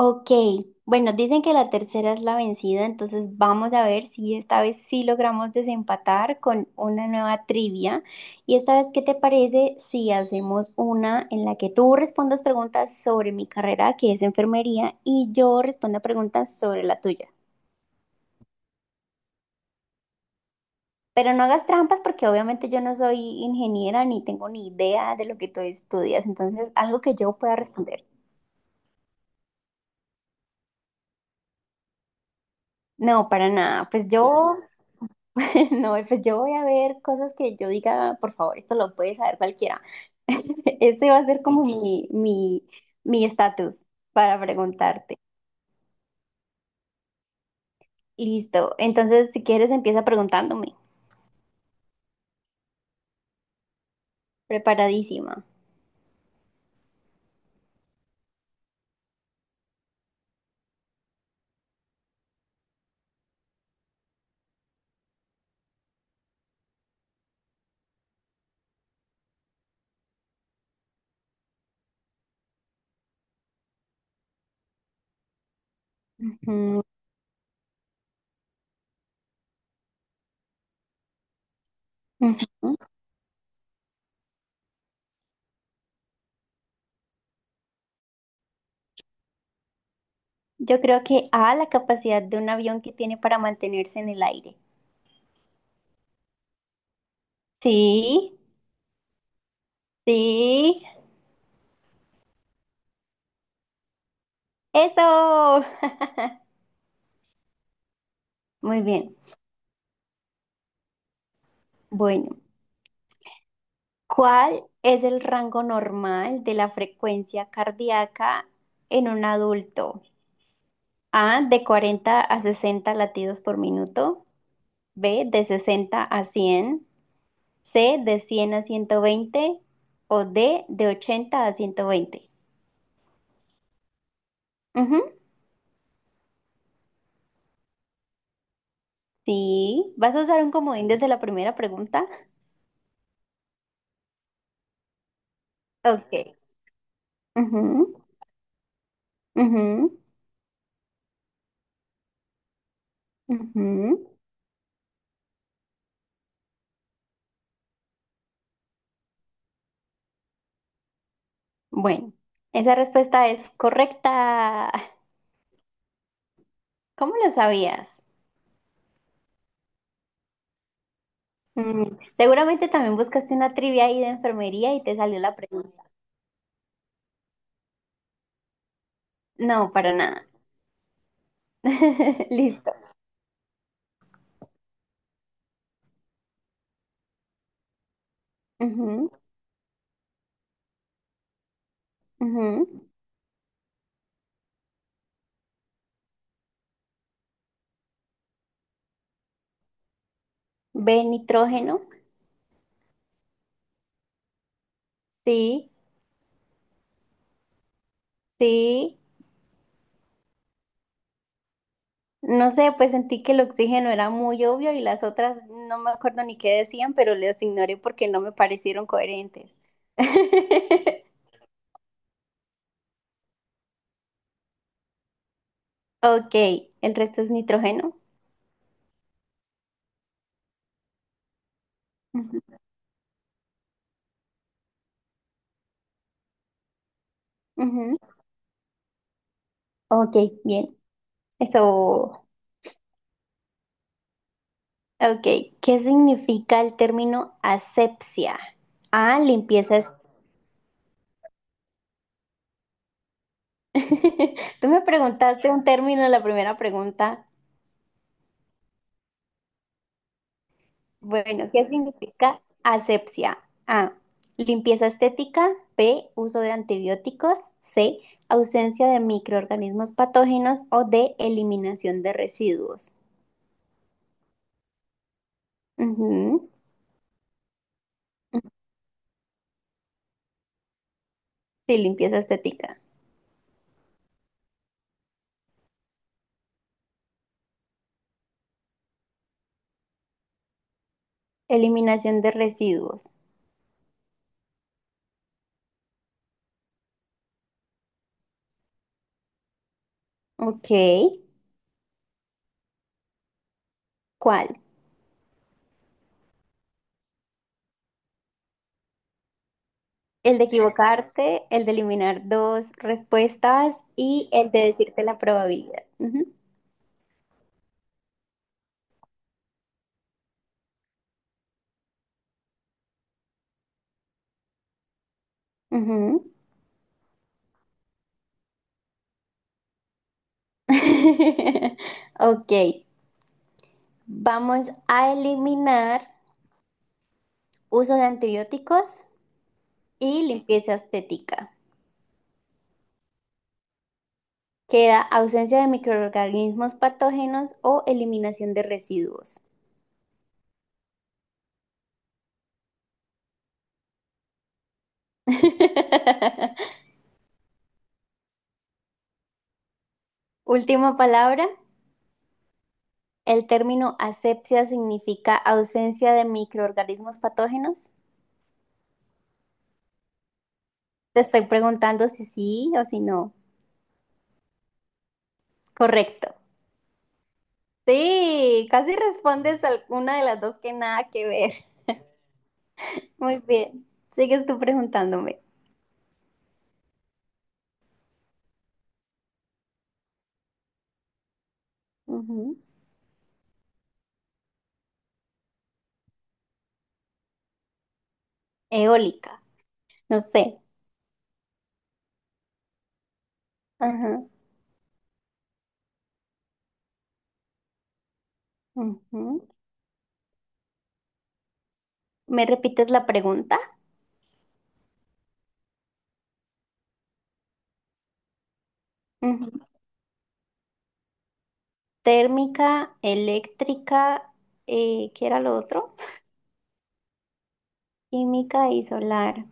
Ok, bueno, dicen que la tercera es la vencida, entonces vamos a ver si esta vez sí logramos desempatar con una nueva trivia. Y esta vez, ¿qué te parece si hacemos una en la que tú respondas preguntas sobre mi carrera, que es enfermería, y yo responda preguntas sobre la tuya? Pero no hagas trampas porque obviamente yo no soy ingeniera ni tengo ni idea de lo que tú estudias, entonces algo que yo pueda responder. No, para nada, pues yo. No, pues yo voy a ver cosas que yo diga, por favor, esto lo puede saber cualquiera. Este va a ser como ok, mi estatus para preguntarte. Y listo. Entonces, si quieres, empieza preguntándome. Preparadísima. Mm, ujú. Yo creo que A, la capacidad de un avión que tiene para mantenerse en el aire. Sí, sí. Eso. Muy bien. Bueno. ¿Cuál es el rango normal de la frecuencia cardíaca en un adulto? A, de 40 a 60 latidos por minuto. B, de 60 a 100. C, de 100 a 120. O D, de 80 a 120. Ujú. Sí, ¿vas a usar un comodín desde la primera pregunta? Ok. Ujú, ujú, ujú. Bueno, esa respuesta es correcta. ¿Cómo lo sabías? Seguramente también buscaste una trivia ahí de enfermería y te salió la pregunta. No, para nada. Listo. Ujú, ujú. B, nitrógeno. Sí, sí. No sé, pues sentí que el oxígeno era muy obvio y las otras no me acuerdo ni qué decían, pero las ignoré porque no me parecieron coherentes. Ok, el resto es nitrógeno. Ujú, ujú. Ok, bien. Eso. Ok, ¿qué significa el término asepsia? Ah, limpieza. Tú me preguntaste un término en la primera pregunta. Bueno, ¿qué significa asepsia? A, limpieza estética. B, uso de antibióticos. C, ausencia de microorganismos patógenos. O D, eliminación de residuos. Ujú. Sí, limpieza estética. Eliminación de residuos. Ok, ¿cuál? El de equivocarte, el de eliminar dos respuestas y el de decirte la probabilidad. Ujú, ujú. Ok, vamos a eliminar uso de antibióticos y limpieza estética. Queda ausencia de microorganismos patógenos o eliminación de residuos. Última palabra. El término asepsia significa ausencia de microorganismos patógenos. Te estoy preguntando si sí o si no. Correcto. Sí, casi respondes a una de las dos que nada que ver. Muy bien. Sigues tú preguntándome. Ujú. Eólica. No sé. Ajá. Ujú. ¿Me repites la pregunta? Ujú. Térmica, eléctrica, ¿qué era lo otro? Química y solar.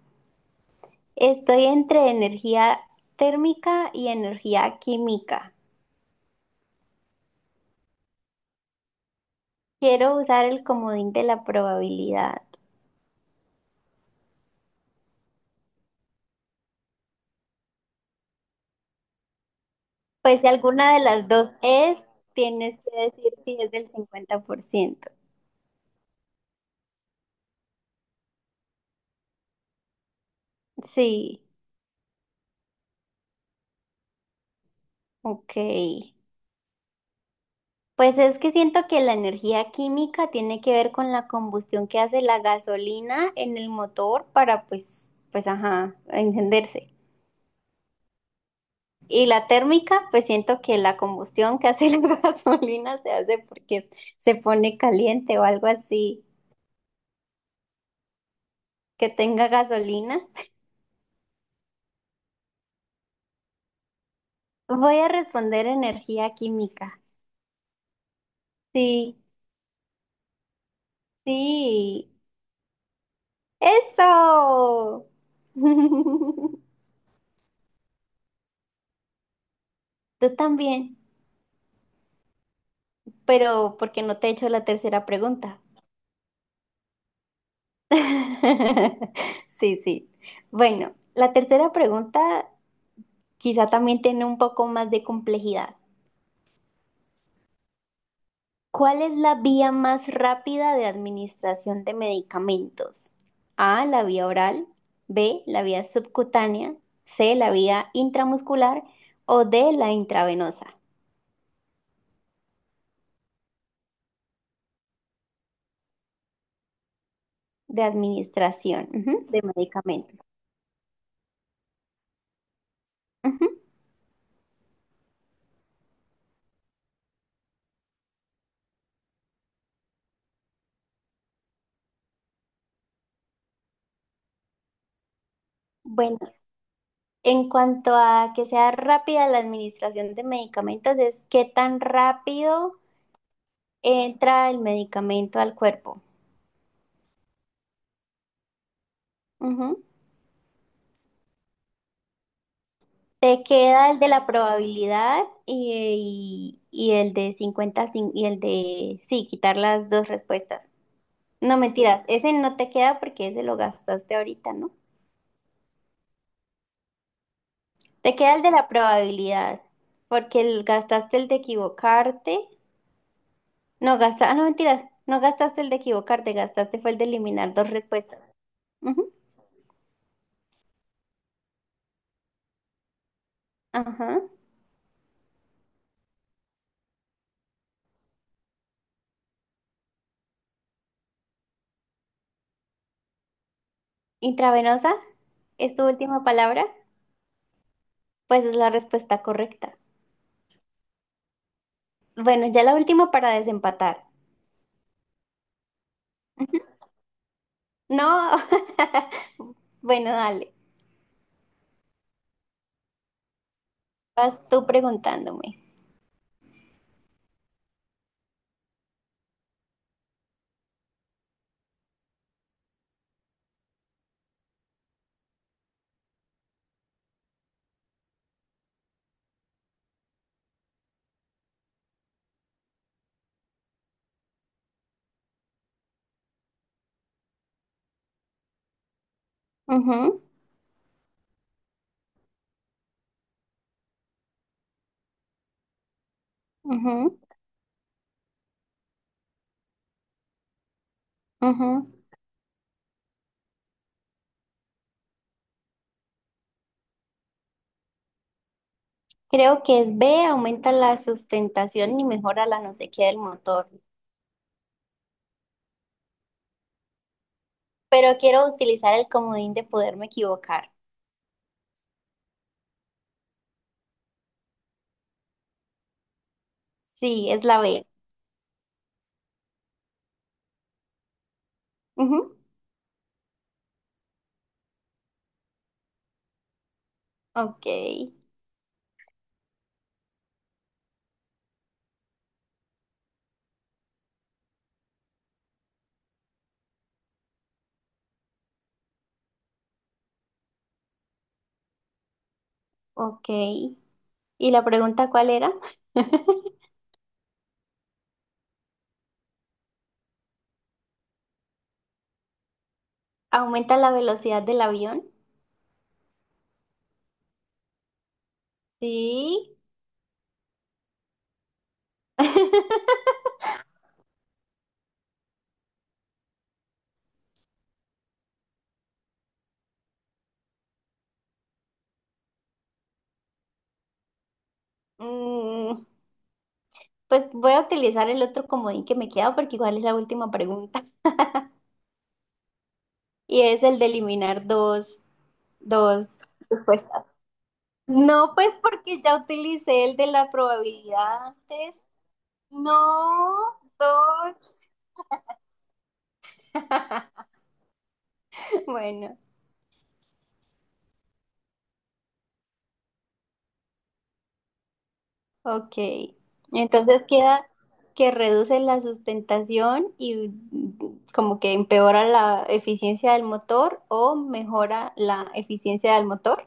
Estoy entre energía térmica y energía química. Quiero usar el comodín de la probabilidad. Pues si alguna de las dos es, tienes que decir si es del 50%. Sí, ok. Pues es que siento que la energía química tiene que ver con la combustión que hace la gasolina en el motor para pues ajá, encenderse. Y la térmica, pues siento que la combustión que hace la gasolina se hace porque se pone caliente o algo así, que tenga gasolina. Voy a responder energía química. Sí, sí. ¡Eso! Tú también, pero porque no te he hecho la tercera pregunta. Sí, sí. Bueno, la tercera pregunta quizá también tiene un poco más de complejidad. ¿Cuál es la vía más rápida de administración de medicamentos? A, la vía oral, B, la vía subcutánea, C, la vía intramuscular o D, la intravenosa de administración, ujú, de medicamentos. Ujú. Bueno, en cuanto a que sea rápida la administración de medicamentos, es qué tan rápido entra el medicamento al cuerpo. Ujú. Te queda el de la probabilidad y el de y el de, sí, quitar las dos respuestas. No mentiras, ese no te queda porque ese lo gastaste ahorita, ¿no? Te queda el de la probabilidad porque gastaste el de equivocarte. No gasta, no mentiras, no gastaste el de equivocarte, gastaste fue el de eliminar dos respuestas. Ujú. Ajá. Intravenosa, ¿es tu última palabra? Pues es la respuesta correcta. Bueno, ya la última para desempatar. No. Bueno, dale. Vas tú preguntándome. Ujú, ujú, ujú. Creo que es B, aumenta la sustentación y mejora la no sé qué del motor. Pero quiero utilizar el comodín de poderme equivocar. Sí, es la B. Ujú. Ok. Ok. ¿Y la pregunta cuál era? ¿Aumenta la velocidad del avión? Sí. Mm, pues voy a utilizar el otro comodín que me queda porque igual es la última pregunta. Y es el de eliminar dos respuestas. No, pues porque ya utilicé el de la probabilidad antes. No, dos. Bueno. Ok, entonces queda que reduce la sustentación y como que empeora la eficiencia del motor o mejora la eficiencia del motor.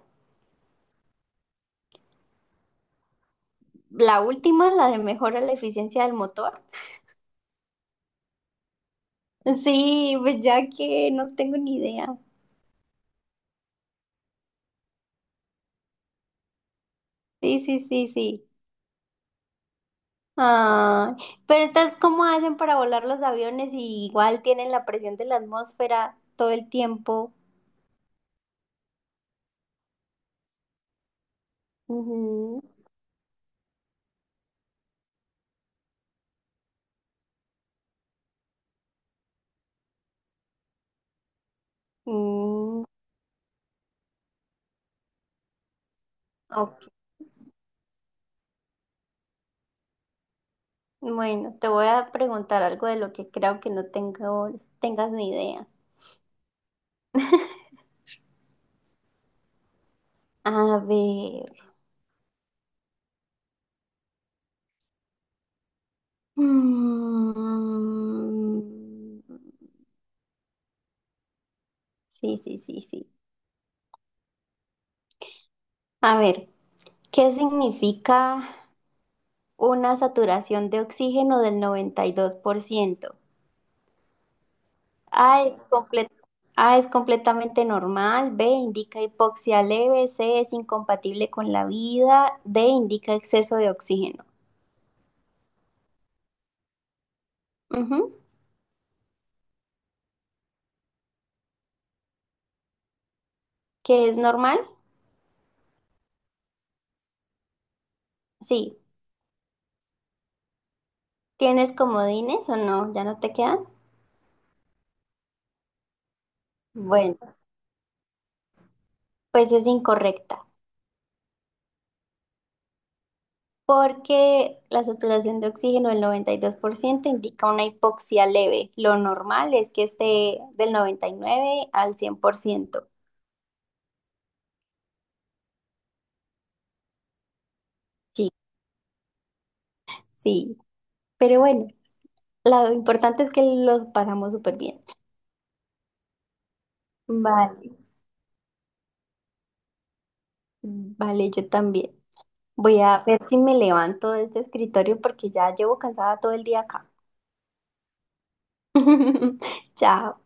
La última, la de mejora la eficiencia del motor. Sí, pues ya que no tengo ni idea. Sí, sí, sí, sí. Ah, pero entonces, ¿cómo hacen para volar los aviones si igual tienen la presión de la atmósfera todo el tiempo? Ujú. Mm, ok. Bueno, te voy a preguntar algo de lo que creo que no tengo, tengas ni idea. A ver. Mm. Sí, sí, sí, sí. A ver, ¿qué significa una saturación de oxígeno del 92%? A es comple- A es completamente normal, B indica hipoxia leve, C es incompatible con la vida, D indica exceso de oxígeno. Ujú. ¿Qué es normal? Sí. ¿Tienes comodines o no? ¿Ya no te quedan? Bueno, pues es incorrecta, porque la saturación de oxígeno del 92% indica una hipoxia leve. Lo normal es que esté del 99 al 100%. Sí, sí, pero bueno, lo importante es que lo pasamos súper bien. Vale, vale, yo también. Voy a ver si me levanto de este escritorio porque ya llevo cansada todo el día acá. Chao.